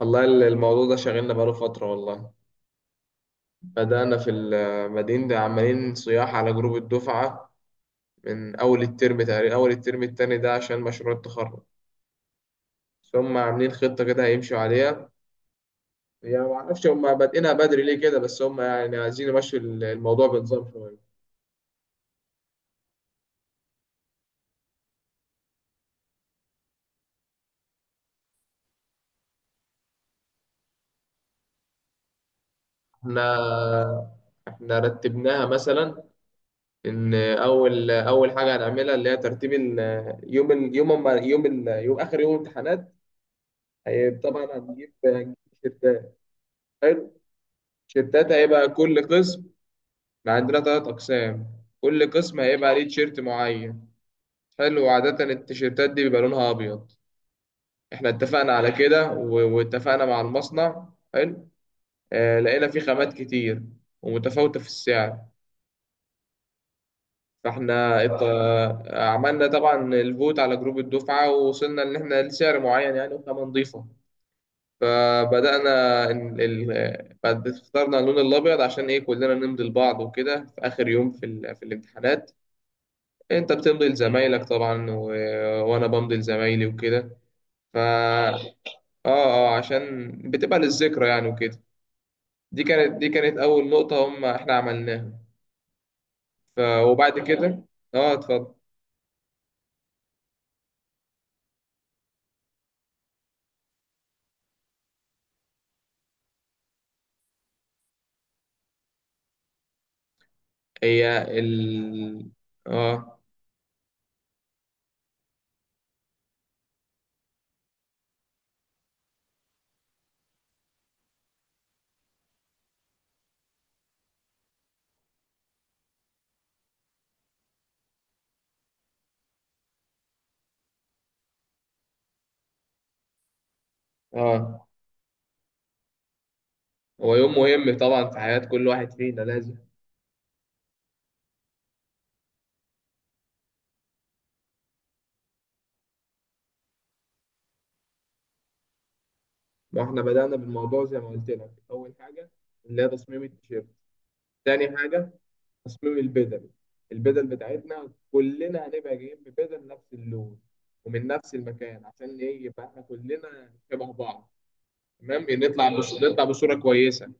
والله الموضوع ده شاغلنا بقاله فترة والله. بدأنا في المدينة ده عمالين صياح على جروب الدفعة من أول الترم تقريبا، أول الترم التاني ده عشان مشروع التخرج. بس هم عاملين خطة كده هيمشوا عليها. يعني معرفش هم بادئينها بدري ليه كده، بس هم يعني عايزين يمشوا الموضوع بنظام شوية. احنا احنا رتبناها مثلا ان اول حاجه هنعملها اللي هي ترتيب ال- يوم ال- يوم أما- يوم ال- يوم اخر يوم امتحانات. هي طبعا هنجيب تيشيرتات تيشيرتات هيبقى كل قسم. احنا عندنا تلات أقسام، كل قسم هيبقى ليه تيشيرت معين. حلو، وعادة التيشيرتات دي بيبقى لونها أبيض. احنا اتفقنا على كده واتفقنا مع المصنع. حلو. اه لقينا فيه خامات كتير ومتفاوتة في السعر. فاحنا عملنا طبعا الفوت على جروب الدفعة ووصلنا إن احنا لسعر معين يعني وخامة نضيفة. فبدأنا إن ال... آه، بعد اخترنا اللون الأبيض عشان إيه كلنا نمضي لبعض وكده في آخر يوم في الامتحانات. انت بتمضي لزمايلك طبعا، وانا بمضي لزمايلي وكده. ف اه اه عشان بتبقى للذكرى يعني وكده. دي كانت اول نقطة هم احنا عملناها. وبعد كده اه اتفضل. هي ال اه اه هو يوم مهم طبعا في حياة كل واحد فينا، لازم. ما احنا بدأنا بالموضوع زي ما قلت لك، اول حاجة اللي هي تصميم التيشيرت. تاني حاجة تصميم البدل. البدل بتاعتنا كلنا هنبقى جايين ببدل نفس اللون ومن نفس المكان، عشان ايه يبقى احنا كلنا شبه بعض. تمام، إيه، نطلع بصورة كويسة.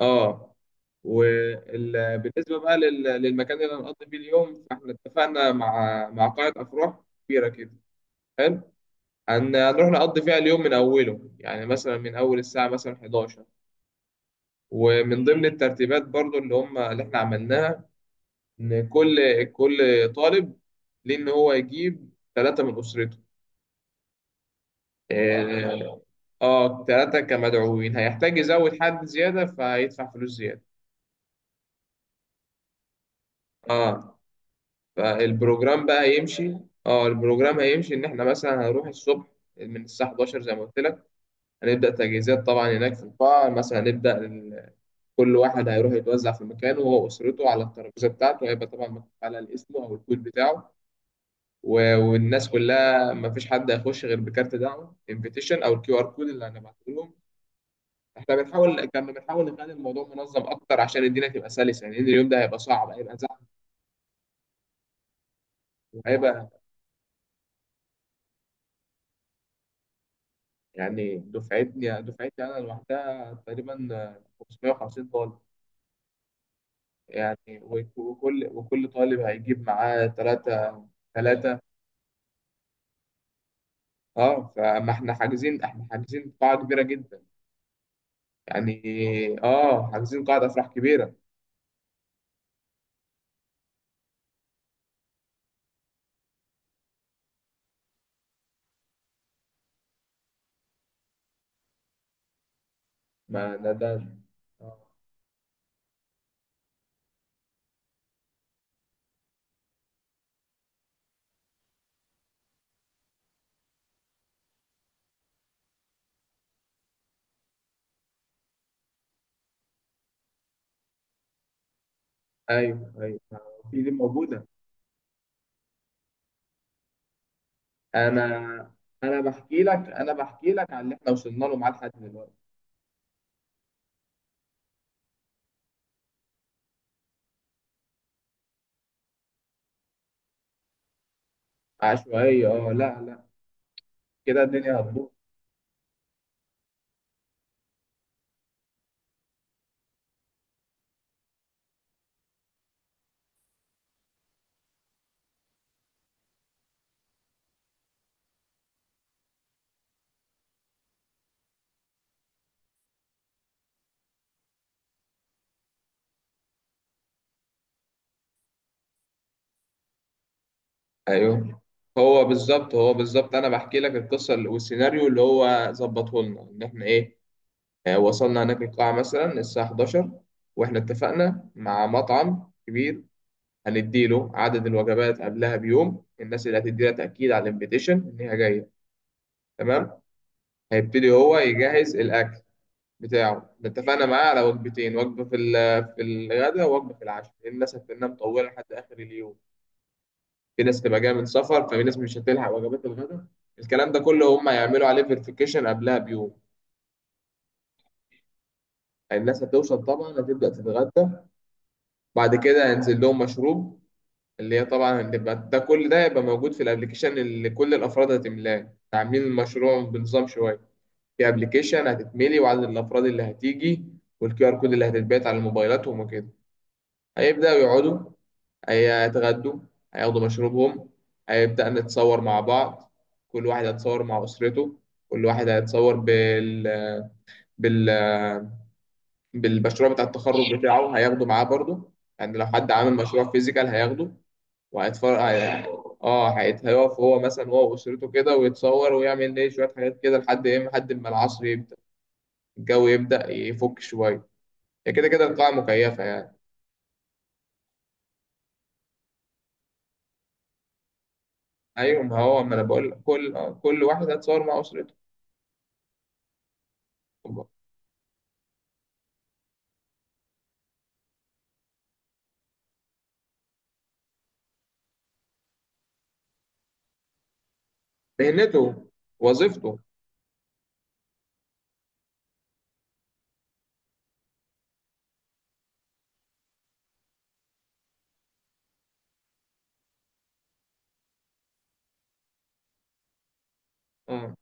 اه وبالنسبة بقى للمكان اللي هنقضي فيه اليوم، فاحنا اتفقنا مع قاعة أفراح كبيرة كده. حلو، هنروح نقضي فيها اليوم من أوله يعني، مثلا من أول الساعة مثلا 11. ومن ضمن الترتيبات برضو اللي احنا عملناها، ان كل طالب ليه ان هو يجيب ثلاثه من اسرته. اه ثلاثه كمدعوين، هيحتاج يزود حد زياده فهيدفع فلوس زياده. اه فالبروجرام بقى هيمشي. اه البروجرام هيمشي ان احنا مثلا هنروح الصبح من الساعه 11 زي ما قلت لك. هنبدا تجهيزات طبعا هناك في القاعه، مثلا. كل واحد هيروح يتوزع في مكانه وهو اسرته على الترابيزه بتاعته، هيبقى طبعا مكتوب على الاسم او الكود بتاعه. والناس كلها ما فيش حد هيخش غير بكارت دعوه، انفيتيشن او الكيو ار كود اللي هنبعته لهم. احنا بنحاول كنا بنحاول نخلي الموضوع منظم اكتر عشان الدنيا تبقى سلسه يعني، لأن اليوم ده هيبقى صعب، هيبقى زحمه وهيبقى يعني دفعتي انا لوحدها تقريبا 550 طالب. يعني وكل طالب هيجيب معاه ثلاثه. فما احنا حاجزين قاعه كبيره جدا. يعني اه حاجزين قاعده افراح كبيره. ما ده ده آه. ايوه، ايوه، في دي موجوده. انا انا بحكي لك عن اللي احنا وصلنا له معاه لحد دلوقتي. عشوائيه، لا، لا، كده الدنيا هتبوظ. ايوه، هو بالظبط هو بالظبط، انا بحكي لك القصه والسيناريو اللي هو ظبطه لنا، ان احنا ايه آه، وصلنا هناك القاعه مثلا الساعه 11. واحنا اتفقنا مع مطعم كبير، هنديله عدد الوجبات قبلها بيوم، الناس اللي هتدينا تاكيد على الانفيتيشن ان هي جايه. تمام، هيبتدي هو يجهز الاكل بتاعه ده. اتفقنا معاه على وجبتين: وجبة في الغداء، ووجبة في العشاء، لأن الناس هتبقى مطولة لحد آخر اليوم. في ناس تبقى جاية من سفر، ففي ناس مش هتلحق وجبات الغداء. الكلام ده كله هم هيعملوا عليه فيريفيكيشن قبلها بيوم. الناس هتوصل طبعا، هتبدأ تتغدى، بعد كده هينزل لهم مشروب. اللي هي طبعا هتبقى ده كل ده هيبقى موجود في الابليكيشن اللي كل الأفراد هتملاه، عاملين المشروع بنظام شوية. في ابليكيشن هتتملي، وعدد الأفراد اللي هتيجي، والكيو ار كود اللي هتتبعت على موبايلاتهم وكده. هيبدأوا يقعدوا، هيتغدوا، هياخدوا مشروبهم، هيبدأ نتصور مع بعض. كل واحد هيتصور مع أسرته، كل واحد هيتصور بال... بالمشروع بتاع التخرج بتاعه، هياخده معاه برضه. يعني لو حد عامل مشروع فيزيكال هياخده وهيتفرج هيقف هو مثلا، هو وأسرته كده، ويتصور ويعمل ايه شوية حاجات كده لحد ما العصر يبدأ، الجو يبدأ يفك شوية. هي كده كده القاعة مكيفة يعني. أيوة، ما هو ما أنا بقول كل واحد هيتصور مع أسرته، مهنته وظيفته. اه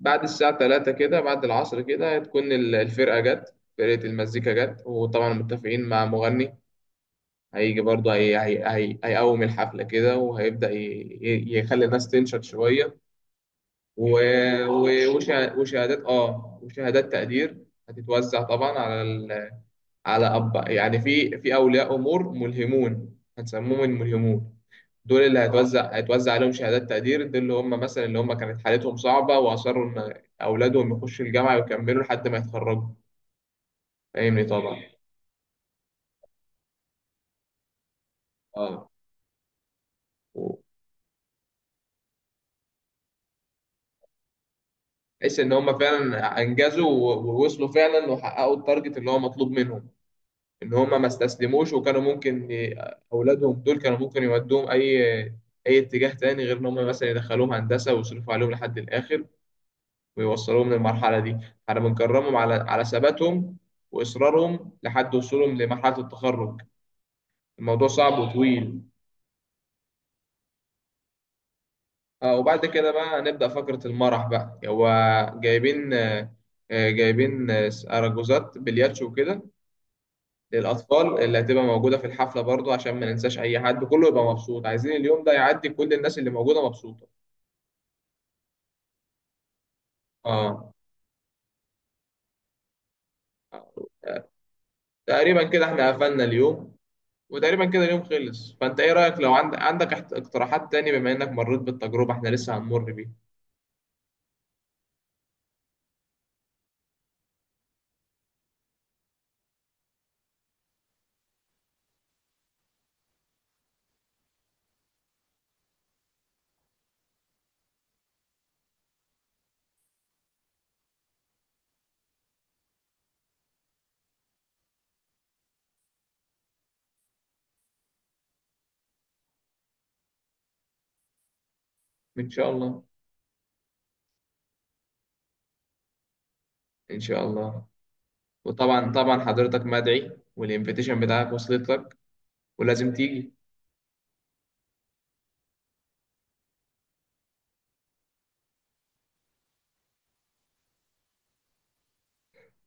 بعد الساعة 3 كده، بعد العصر كده، هتكون الفرقة جت، فرقة المزيكا جت، وطبعا متفقين مع مغني هيجي برضه. هي هي هي هيقوم الحفلة كده، وهيبدأ يخلي الناس تنشط شوية. و... و... وشه- وشهادات اه وشهادات تقدير هتتوزع طبعا على ال... على أب يعني في أولياء أمور ملهمون، هنسموهم الملهمون. دول اللي هيتوزع عليهم شهادات تقدير، دول اللي هم مثلا اللي هم كانت حالتهم صعبة وأصروا إن أولادهم يخشوا الجامعة ويكملوا لحد ما يتخرجوا. فاهمني طبعا. اه وتحس إن هم فعلا أنجزوا و- ووصلوا فعلا، وحققوا التارجت اللي هو مطلوب منهم. إن هم ما استسلموش، أولادهم دول كانوا ممكن يودوهم أي اتجاه تاني، غير إن هم مثلا يدخلوهم هندسة ويصرفوا عليهم لحد الآخر ويوصلوهم للمرحلة دي. احنا بنكرمهم على ثباتهم وإصرارهم لحد وصولهم لمرحلة التخرج. الموضوع صعب وطويل. اه وبعد كده بقى نبدأ فقرة المرح بقى. هو جايبين أرجوزات بلياتشو وكده للأطفال اللي هتبقى موجودة في الحفلة برضو، عشان ما ننساش أي حد، كله يبقى مبسوط، عايزين اليوم ده يعدي كل الناس اللي موجودة مبسوطة. اه تقريبا كده احنا قفلنا اليوم، وتقريبا كده اليوم خلص. فانت ايه رأيك، لو عندك اقتراحات تاني بما انك مريت بالتجربة، احنا لسه هنمر بيها. ان شاء الله. ان شاء الله. وطبعا طبعا حضرتك مدعي، والانفيتيشن بتاعك وصلت لك ولازم تيجي.